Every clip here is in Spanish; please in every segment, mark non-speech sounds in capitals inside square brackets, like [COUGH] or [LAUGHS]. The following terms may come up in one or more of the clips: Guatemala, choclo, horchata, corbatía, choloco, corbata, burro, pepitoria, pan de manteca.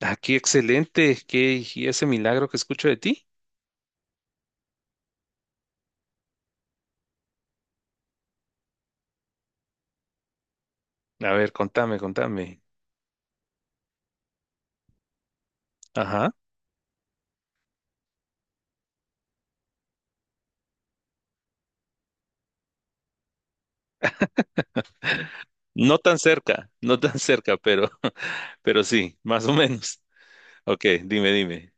Ah, qué excelente, qué y ese milagro que escucho de ti. A ver, contame, contame. Ajá. No tan cerca, [LAUGHS] no tan cerca, pero, [LAUGHS] pero sí, más o menos. Ok, dime, dime.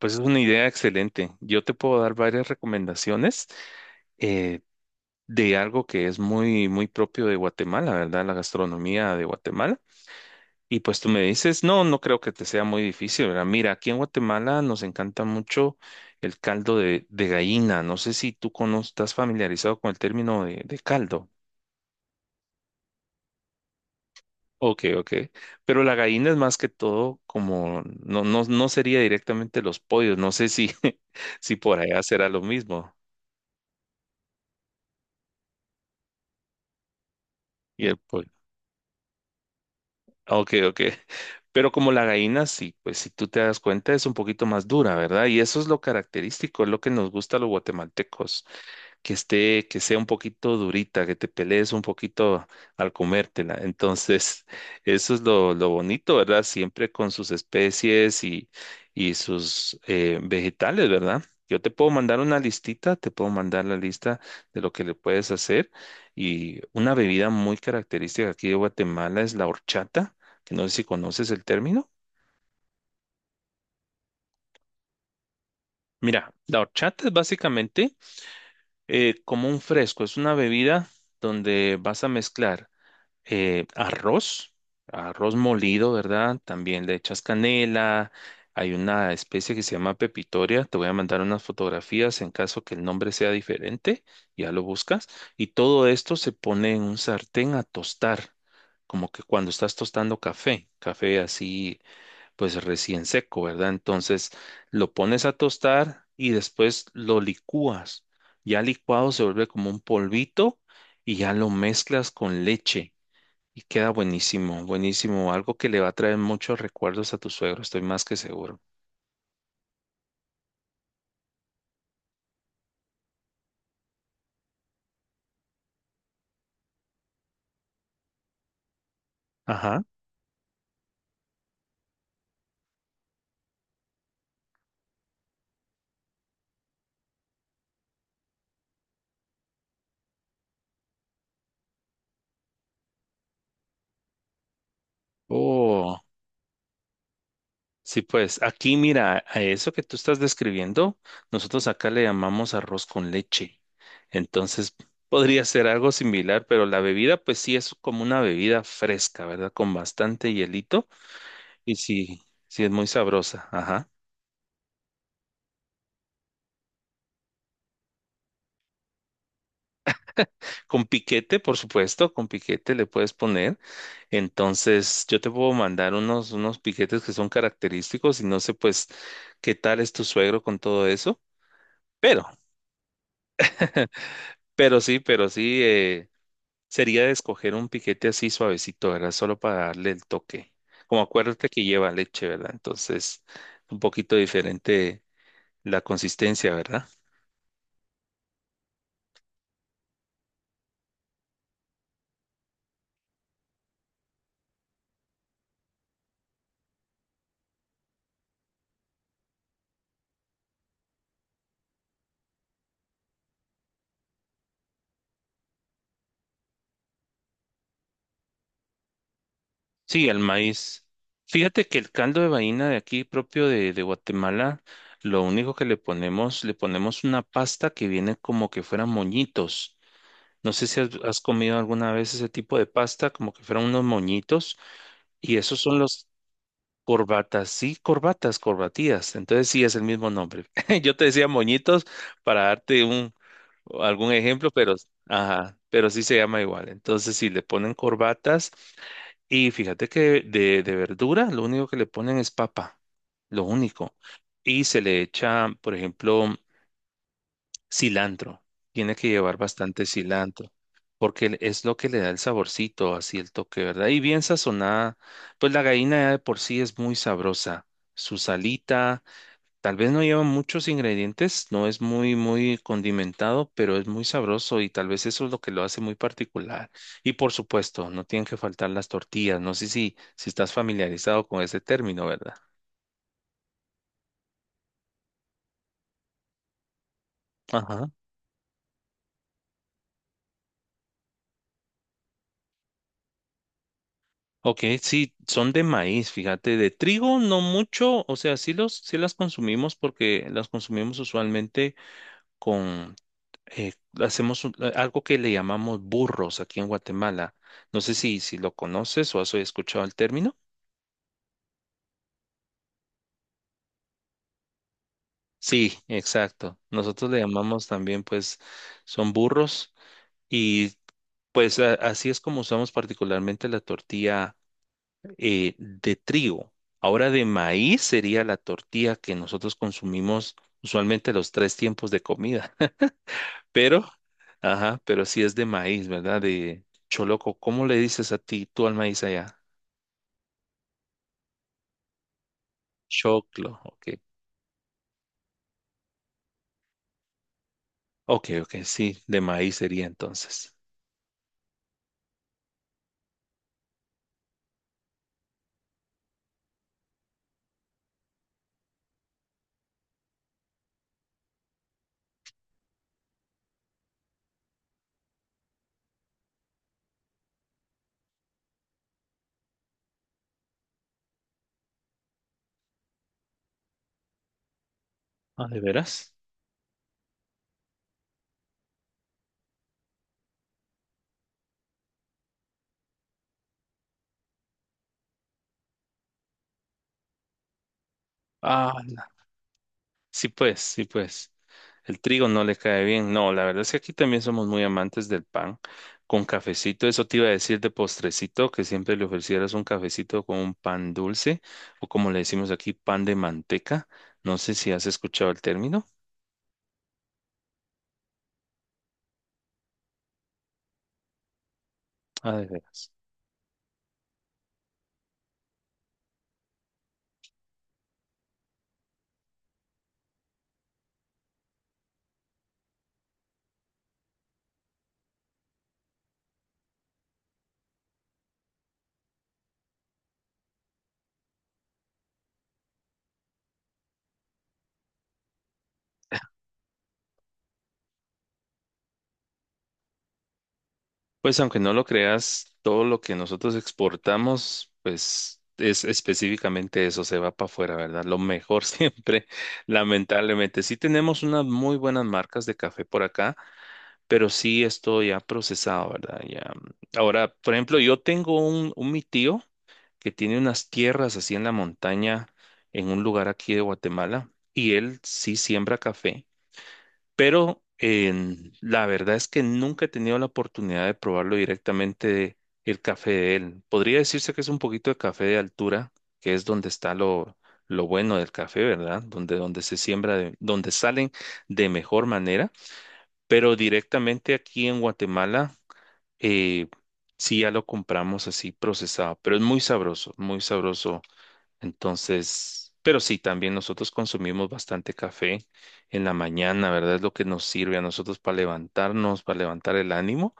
Pues es una idea excelente. Yo te puedo dar varias recomendaciones eh, de algo que es muy, muy propio de Guatemala, ¿verdad? La gastronomía de Guatemala. Y pues tú me dices, no, no creo que te sea muy difícil, ¿verdad? Mira, aquí en Guatemala nos encanta mucho el caldo de gallina. No sé si tú estás familiarizado con el término de caldo. Ok, ok. Pero la gallina es más que todo como, no, no, no sería directamente los pollos. No sé si, [LAUGHS] si por allá será lo mismo. Y el pollo. Ok, ok. [LAUGHS] Pero como la gallina, sí, pues si tú te das cuenta es un poquito más dura, ¿verdad? Y eso es lo característico, es lo que nos gusta a los guatemaltecos que esté, que sea un poquito durita, que te pelees un poquito al comértela. Entonces, [LAUGHS] eso es lo bonito, ¿verdad? Siempre con sus especies y sus vegetales, ¿verdad? Yo te puedo mandar una listita, te puedo mandar la lista de lo que le puedes hacer. Y una bebida muy característica aquí de Guatemala es la horchata, que no sé si conoces el término. Mira, la horchata es básicamente como un fresco, es una bebida donde vas a mezclar arroz, arroz molido, ¿verdad? También le echas canela. Hay una especie que se llama pepitoria. Te voy a mandar unas fotografías en caso que el nombre sea diferente. Ya lo buscas. Y todo esto se pone en un sartén a tostar, como que cuando estás tostando café, café así, pues recién seco, ¿verdad? Entonces lo pones a tostar y después lo licúas. Ya licuado se vuelve como un polvito y ya lo mezclas con leche. Y queda buenísimo, buenísimo. Algo que le va a traer muchos recuerdos a tu suegro, estoy más que seguro. Ajá. Oh, sí, pues aquí mira, a eso que tú estás describiendo, nosotros acá le llamamos arroz con leche. Entonces, podría ser algo similar, pero la bebida, pues sí, es como una bebida fresca, ¿verdad? Con bastante hielito y sí, sí, es muy sabrosa. Ajá. Con piquete, por supuesto, con piquete le puedes poner. Entonces, yo te puedo mandar unos piquetes que son característicos y no sé, pues, qué tal es tu suegro con todo eso. Pero, pero sí, pero sí, sería de escoger un piquete así suavecito, ¿verdad? Solo para darle el toque. Como acuérdate que lleva leche, ¿verdad? Entonces, un poquito diferente la consistencia, ¿verdad? Sí, el maíz. Fíjate que el caldo de vaina de aquí propio de Guatemala, lo único que le ponemos una pasta que viene como que fueran moñitos. No sé si has comido alguna vez ese tipo de pasta, como que fueran unos moñitos, y esos son los corbatas, sí, corbatas, corbatías. Entonces sí es el mismo nombre. [LAUGHS] Yo te decía moñitos para darte un algún ejemplo, pero ajá, pero sí se llama igual. Entonces, sí le ponen corbatas. Y fíjate que de verdura lo único que le ponen es papa, lo único. Y se le echa, por ejemplo, cilantro. Tiene que llevar bastante cilantro, porque es lo que le da el saborcito, así el toque, ¿verdad? Y bien sazonada, pues la gallina ya de por sí es muy sabrosa. Su salita. Tal vez no lleva muchos ingredientes, no es muy, muy condimentado, pero es muy sabroso y tal vez eso es lo que lo hace muy particular. Y por supuesto, no tienen que faltar las tortillas. No sé si estás familiarizado con ese término, ¿verdad? Ajá. Ok, sí, son de maíz, fíjate, de trigo no mucho, o sea, sí las consumimos porque las consumimos usualmente con, eh, algo que le llamamos burros aquí en Guatemala. No sé si lo conoces o has escuchado el término. Sí, exacto. Nosotros le llamamos también, pues, son burros y pues así es como usamos particularmente la tortilla de trigo. Ahora de maíz sería la tortilla que nosotros consumimos usualmente los tres tiempos de comida, [LAUGHS] pero, ajá, pero sí es de maíz, ¿verdad? De choloco. ¿Cómo le dices a ti, tú al maíz allá? Choclo, ok. Ok, ok, sí, de maíz sería entonces. Ah, ¿de veras? Ah, sí, pues, sí, pues. El trigo no le cae bien. No, la verdad es que aquí también somos muy amantes del pan con cafecito. Eso te iba a decir de postrecito, que siempre le ofrecieras un cafecito con un pan dulce o como le decimos aquí, pan de manteca. No sé si has escuchado el término. Ah, de veras. Pues aunque no lo creas, todo lo que nosotros exportamos, pues es específicamente eso, se va para afuera, ¿verdad? Lo mejor [LAUGHS] siempre, lamentablemente. Sí tenemos unas muy buenas marcas de café por acá pero sí esto ya procesado, ¿verdad? Ya. Ahora, por ejemplo, yo tengo un mi tío que tiene unas tierras así en la montaña, en un lugar aquí de Guatemala, y él sí siembra café, pero la verdad es que nunca he tenido la oportunidad de probarlo directamente el café de él. Podría decirse que es un poquito de café de altura, que es donde está lo bueno del café, ¿verdad? Donde se siembra, donde salen de mejor manera pero directamente aquí en Guatemala, eh, sí ya lo compramos así procesado, pero es muy sabroso, muy sabroso. Entonces, pero sí, también nosotros consumimos bastante café en la mañana, ¿verdad? Es lo que nos sirve a nosotros para levantarnos, para levantar el ánimo.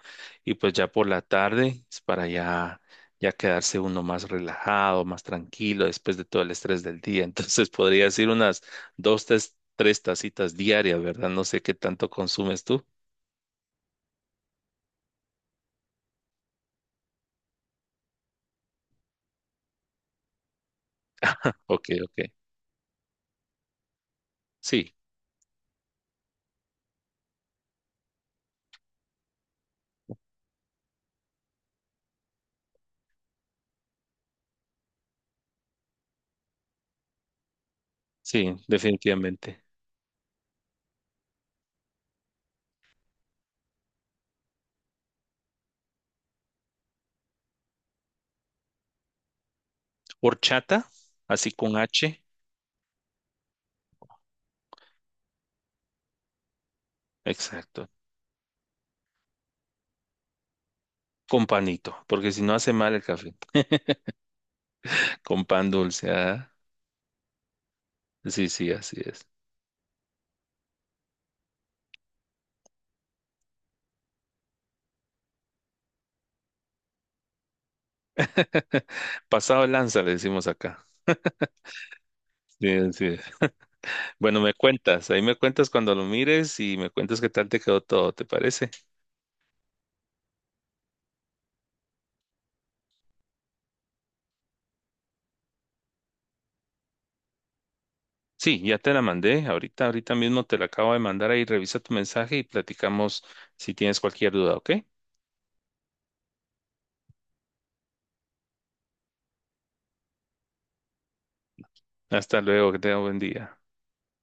Y pues ya por la tarde es para ya, ya quedarse uno más relajado, más tranquilo después de todo el estrés del día. [LAUGHS] Entonces podría decir unas dos, tres tacitas diarias, ¿verdad? No sé qué tanto consumes tú. Ok, ok. Sí, sí, definitivamente. Horchata, así con H, exacto. Con panito, porque si no hace mal el café. [LAUGHS] Con pan dulce, ah, sí, sí, así es. Pasado de lanza, le decimos acá. Sí, sí. Bueno, me cuentas, ahí me cuentas cuando lo mires y me cuentas qué tal te quedó todo, ¿te parece? Sí, ya te la mandé, ahorita, ahorita mismo te la acabo de mandar ahí, revisa tu mensaje y platicamos si tienes cualquier duda, ¿ok? Hasta luego, que tenga buen día.